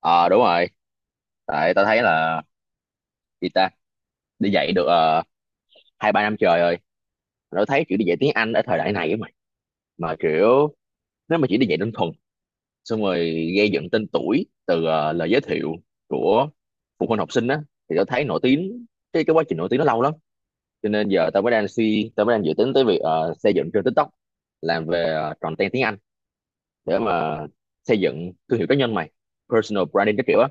Ờ đúng rồi. Tại tao thấy là gì ta đi dạy được hai ba năm trời rồi. Tao thấy kiểu đi dạy tiếng Anh ở thời đại này á mày. Mà kiểu nếu mà chỉ đi dạy đơn thuần xong rồi gây dựng tên tuổi từ lời giới thiệu của phụ huynh học sinh á thì tao thấy nổi tiếng, cái quá trình nổi tiếng nó lâu lắm. Cho nên giờ tao mới đang dự tính tới việc xây dựng trên TikTok, làm về content tiếng Anh để mà xây dựng thương hiệu cá nhân mày, personal branding các kiểu á.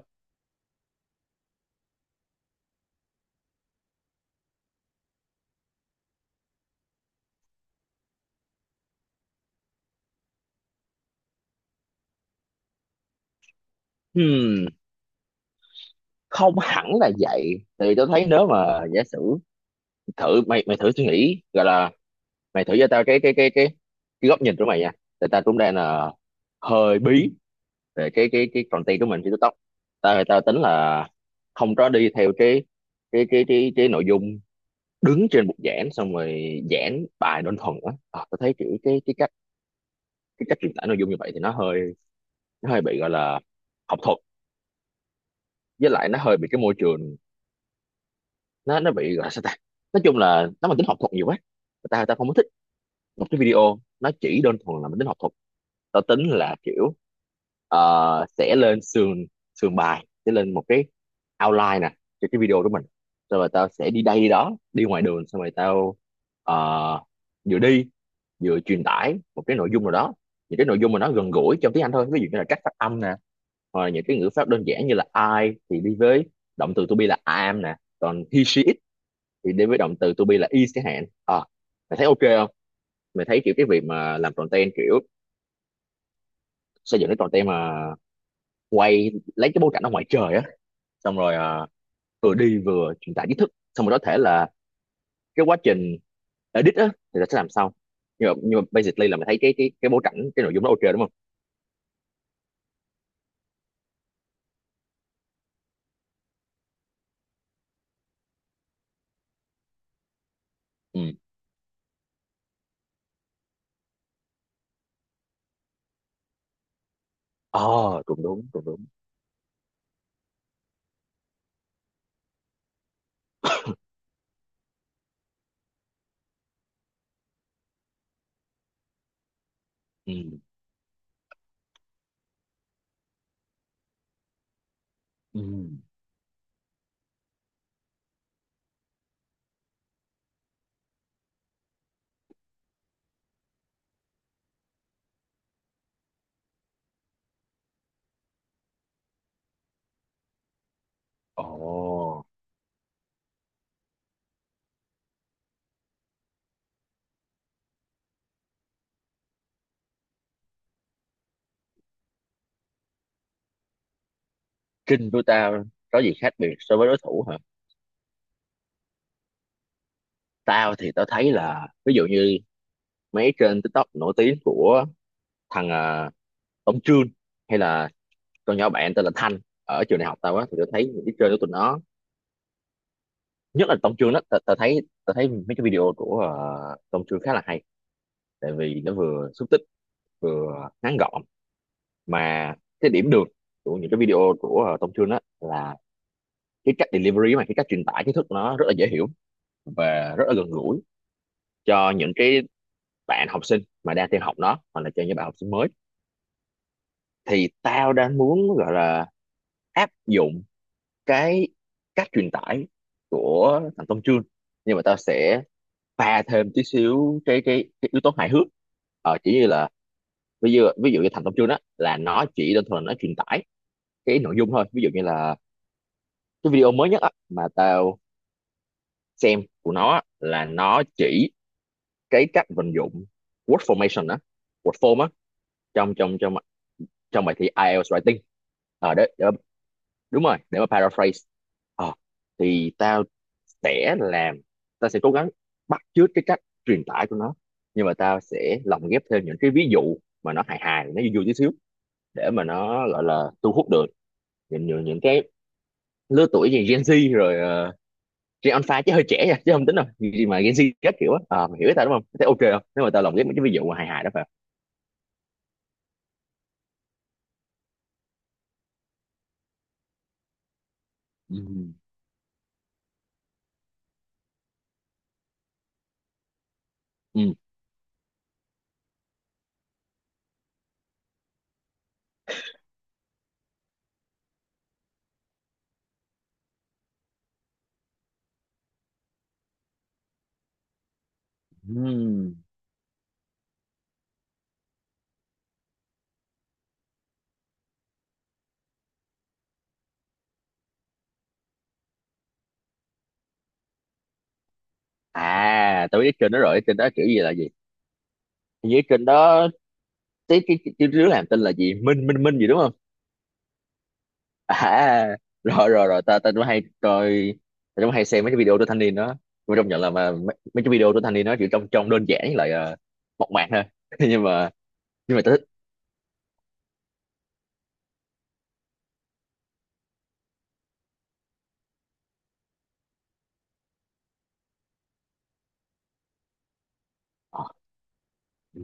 Hmm. Không hẳn là vậy, tại vì tôi thấy nếu mà giả sử thử mày mày thử suy nghĩ, gọi là mày thử cho tao cái góc nhìn của mày nha, tại tao cũng đang là hơi bí về cái content của mình trên TikTok. Tao tao tính là không có đi theo cái nội dung đứng trên bục giảng xong rồi giảng bài đơn thuần á, à, tao thấy kiểu cái cách truyền tải nội dung như vậy thì nó hơi bị gọi là học thuật, với lại nó hơi bị cái môi trường, nó bị gọi là sao ta, nói chung là nó mang tính học thuật nhiều quá. Người ta không có thích một cái video nó chỉ đơn thuần là mang tính học thuật. Tao tính là kiểu sẽ lên sườn sườn bài, sẽ lên một cái outline nè cho cái video của mình. Xong rồi tao sẽ đi đây đi đó đi ngoài đường, xong rồi tao ờ, vừa đi vừa truyền tải một cái nội dung nào đó, những cái nội dung mà nó gần gũi trong tiếng Anh thôi. Ví dụ như là cách phát âm nè, hoặc là những cái ngữ pháp đơn giản như là I thì đi với động từ to be là I am nè, còn he she it thì đến với động từ to be là is chẳng hạn, à, mày thấy ok không? Mày thấy kiểu cái việc mà làm content, kiểu xây dựng cái content mà quay lấy cái bối cảnh ở ngoài trời á, xong rồi vừa đi vừa truyền tải kiến thức, xong rồi có thể là cái quá trình edit á thì là sẽ làm sau. Nhưng mà basically là mày thấy cái bối cảnh, cái nội dung đó ok đúng không? Ừ. Ờ, cũng đúng cũng đúng. Ừ. Ừ. Ồ. Trinh của tao có gì khác biệt so với đối thủ hả? Tao thì tao thấy là, ví dụ như mấy trên TikTok nổi tiếng của thằng Tống Trương, hay là con nhỏ bạn tên là Thanh ở trường đại học tao á, thì tao thấy những cái chơi của tụi nó. Nhất là Tống Trương đó, tao thấy mấy cái video của Tống Trương khá là hay, tại vì nó vừa xúc tích vừa ngắn gọn. Mà cái điểm được của những cái video của Tống Trương đó là cái cách delivery, mà cái cách truyền tải kiến thức nó rất là dễ hiểu và rất là gần gũi cho những cái bạn học sinh mà đang theo học nó, hoặc là cho những bạn học sinh mới. Thì tao đang muốn gọi là áp dụng cái cách truyền tải của thằng Tông Chương, nhưng mà tao sẽ pha thêm tí xíu cái yếu tố hài hước. Chỉ như là ví dụ như thành công chương đó là nó chỉ đơn thuần là nó truyền tải cái nội dung thôi. Ví dụ như là cái video mới nhất á, mà tao xem của nó á, là nó chỉ cái cách vận dụng word formation á, word form á, trong trong trong trong bài thi IELTS writing. Ờ đấy, đúng rồi, để mà paraphrase. Ờ thì sẽ làm tao sẽ cố gắng bắt chước cái cách truyền tải của nó, nhưng mà tao sẽ lồng ghép thêm những cái ví dụ mà nó hài hài nó vui vui tí xíu, để mà nó gọi là thu hút được những cái lứa tuổi như Gen Z rồi uh, Gen Alpha, chứ hơi trẻ nha, chứ không tính đâu gì mà Gen Z các kiểu á. Ờ, mày hiểu ý tao đúng không? Thế ok không, nếu mà tao lồng ghép mấy cái ví dụ mà hài hài đó phải không? Ừ. Ừ. Ừm. À, tao biết cái kênh đó rồi, cái kênh đó kiểu gì là gì. Hình như cái kênh đó, cái đứa làm tên là gì, Minh Minh Minh gì đúng không? À, rồi rồi rồi, ta ta cũng hay coi, ta cũng hay xem mấy cái video của thanh niên đó. Tôi công nhận là mà mấy cái video của thanh niên đó chỉ trông trông đơn giản với lại mộc mạc thôi. nhưng mà nhưng mà ta thích. Ờ, ừ,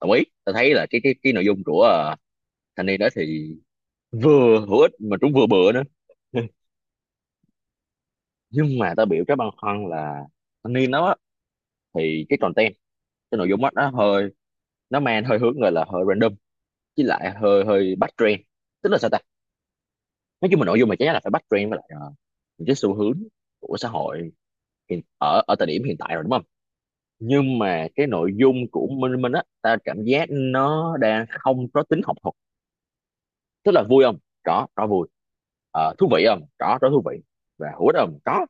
đồng ý, ta thấy là cái nội dung của thanh niên đó thì vừa hữu ích mà cũng vừa bựa nữa. Nhưng mà ta biểu cái băn khoăn là, thanh niên đó á, thì cái content, cái nội dung đó nó mang hơi hướng gọi là hơi random, với lại hơi hơi bắt trend, tức là sao ta, nói chung là nội dung mà chắc chắn là phải bắt trend với lại những cái xu hướng của xã hội hiện, ở ở thời điểm hiện tại rồi đúng không? Nhưng mà cái nội dung của Minh Minh á, ta cảm giác nó đang không có tính học thuật. Tức là vui không, có, có vui. Ờ, thú vị không, có, có thú vị. Và hữu ích không, có,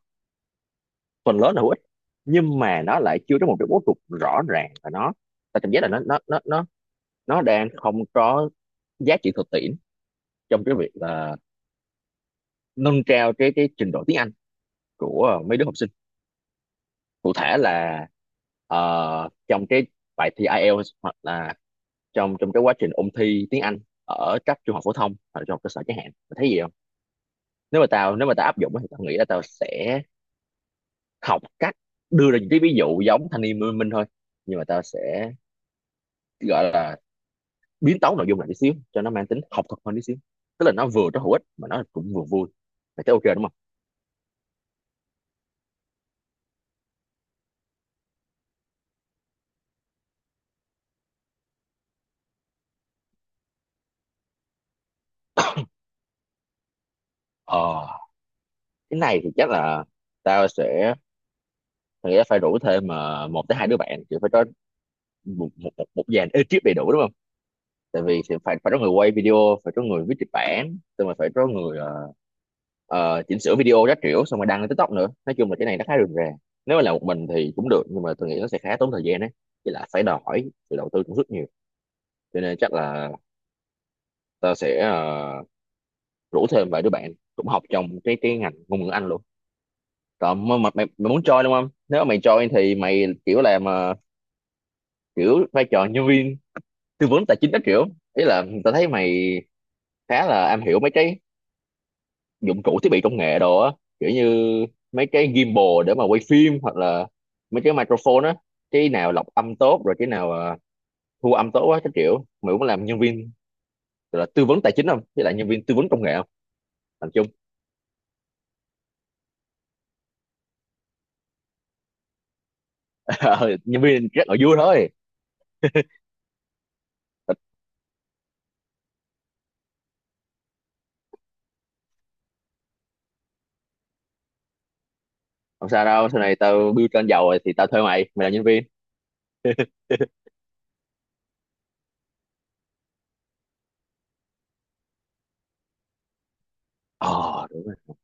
phần lớn là hữu ích. Nhưng mà nó lại chưa có một cái bố cục rõ ràng, và ta cảm giác là nó đang không có giá trị thực tiễn trong cái việc là nâng cao cái trình độ tiếng Anh của mấy đứa học sinh, cụ thể là trong cái bài thi IELTS hoặc là trong trong cái quá trình ôn thi tiếng Anh ở cấp trung học phổ thông hoặc là trung học cơ sở chẳng hạn. Mày thấy gì không? Nếu mà tao áp dụng á thì tao nghĩ là tao sẽ học cách đưa ra những cái ví dụ giống thanh niên Minh Minh thôi, nhưng mà tao sẽ gọi là biến tấu nội dung lại tí xíu cho nó mang tính học thuật hơn tí xíu, tức là nó vừa nó hữu ích mà nó cũng vừa vui. Mày thấy ok đúng không? Ờ, cái này thì chắc là tao sẽ tao nghĩ là phải rủ thêm mà một tới hai đứa bạn, chỉ phải có một dàn ekip đầy đủ đúng không? Tại vì thì phải phải có người quay video, phải có người viết kịch bản, xong rồi phải có người chỉnh sửa video các kiểu, xong rồi đăng lên TikTok nữa. Nói chung là cái này nó khá rườm rà, nếu mà làm một mình thì cũng được nhưng mà tôi nghĩ nó sẽ khá tốn thời gian đấy, với lại phải đòi hỏi sự đầu tư cũng rất nhiều. Cho nên chắc là tao sẽ rủ thêm vài đứa bạn cũng học trong cái ngành ngôn ngữ Anh luôn. Còn mà mày muốn join đúng không? Nếu mà mày join thì mày kiểu làm kiểu vai trò nhân viên tư vấn tài chính các kiểu. Ý là tao thấy mày khá là am hiểu mấy cái dụng cụ thiết bị công nghệ đồ á, kiểu như mấy cái gimbal để mà quay phim, hoặc là mấy cái microphone á, cái nào lọc âm tốt rồi cái nào thu âm tốt á, cái kiểu mày cũng làm nhân viên, gọi là tư vấn tài chính không với lại nhân viên tư vấn công nghệ không? Làm chung. Ờ, nhân viên rất là vui thôi. Không sao đâu, sau này tao build trên giàu rồi thì tao thuê mày, mày là nhân viên. Ờ đúng rồi.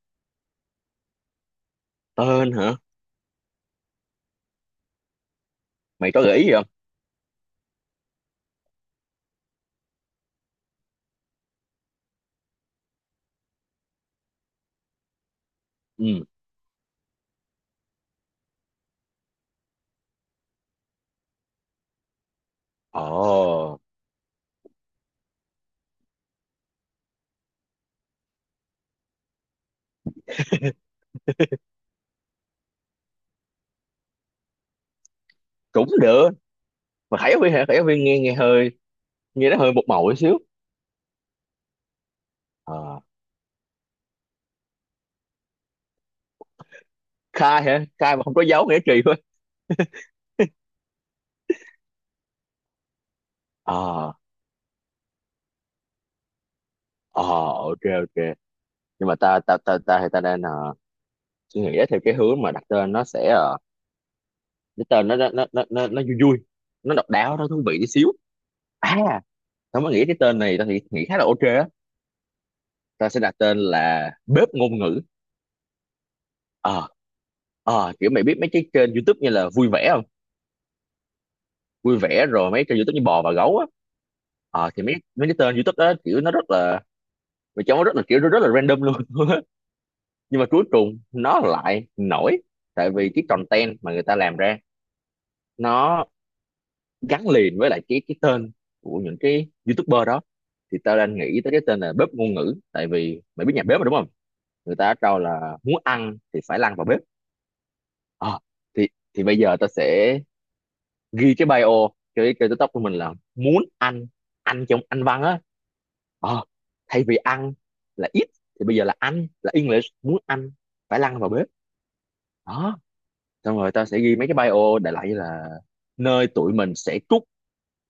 Tên hả? Mày có gợi ý gì không? Ừ. Ờ, cũng được. Mà khải viên hả, khải viên nghe nghe hơi nghe nó hơi một màu một xíu. Ờ, khai hả, khai mà không có dấu nghĩa trì thôi. Ờ. Ờ, ok ok. Nhưng mà ta ta ta ta thì ta đang suy nghĩ theo cái hướng mà đặt tên nó sẽ cái tên nó vui vui, nó độc đáo, nó thú vị tí xíu. À, tao mới nghĩ cái tên này, tao thì nghĩ khá là ok á, ta sẽ đặt tên là bếp ngôn ngữ. Ờ. Ờ, kiểu mày biết mấy cái kênh YouTube như là vui vẻ không? Vui vẻ, rồi mấy kênh YouTube như bò và gấu á. Ờ thì mấy mấy cái tên YouTube đó, kiểu nó rất là mày cho nó rất là kiểu nó rất là random luôn. Nhưng mà cuối cùng nó lại nổi, tại vì cái content mà người ta làm ra nó gắn liền với lại cái tên của những cái YouTuber đó. Thì tao đang nghĩ tới cái tên là bếp ngôn ngữ, tại vì mày biết nhà bếp mà đúng không, người ta trao là muốn ăn thì phải lăn vào bếp. Ờ, thì thì bây giờ tao sẽ ghi cái bio, cái TikTok của mình là muốn ăn, ăn trong anh văn á. Ờ, thay vì ăn là eat thì bây giờ là ăn là English, muốn ăn phải lăn vào bếp đó. Xong rồi tao sẽ ghi mấy cái bio đại loại như là nơi tụi mình sẽ trút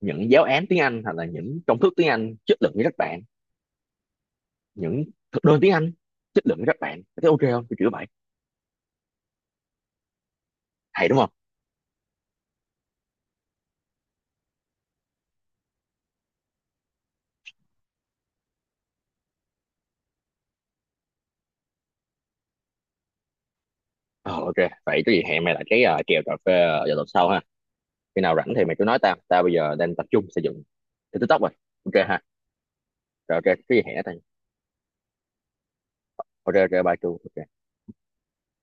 những giáo án tiếng Anh hoặc là những công thức tiếng Anh chất lượng với các bạn, những thực đơn tiếng Anh chất lượng với các bạn. Mày ok không, kiểu kiểu vậy, hay đúng không? Ờ, ok. Vậy có gì hẹn mày lại cái kèo cà phê vào tuần sau ha. Khi nào rảnh thì mày cứ nói tao, tao bây giờ đang tập trung xây dựng cái TikTok rồi. Ok ha? Rồi ok, cái gì hẹn tao. Ok ok, bye chú. Ok.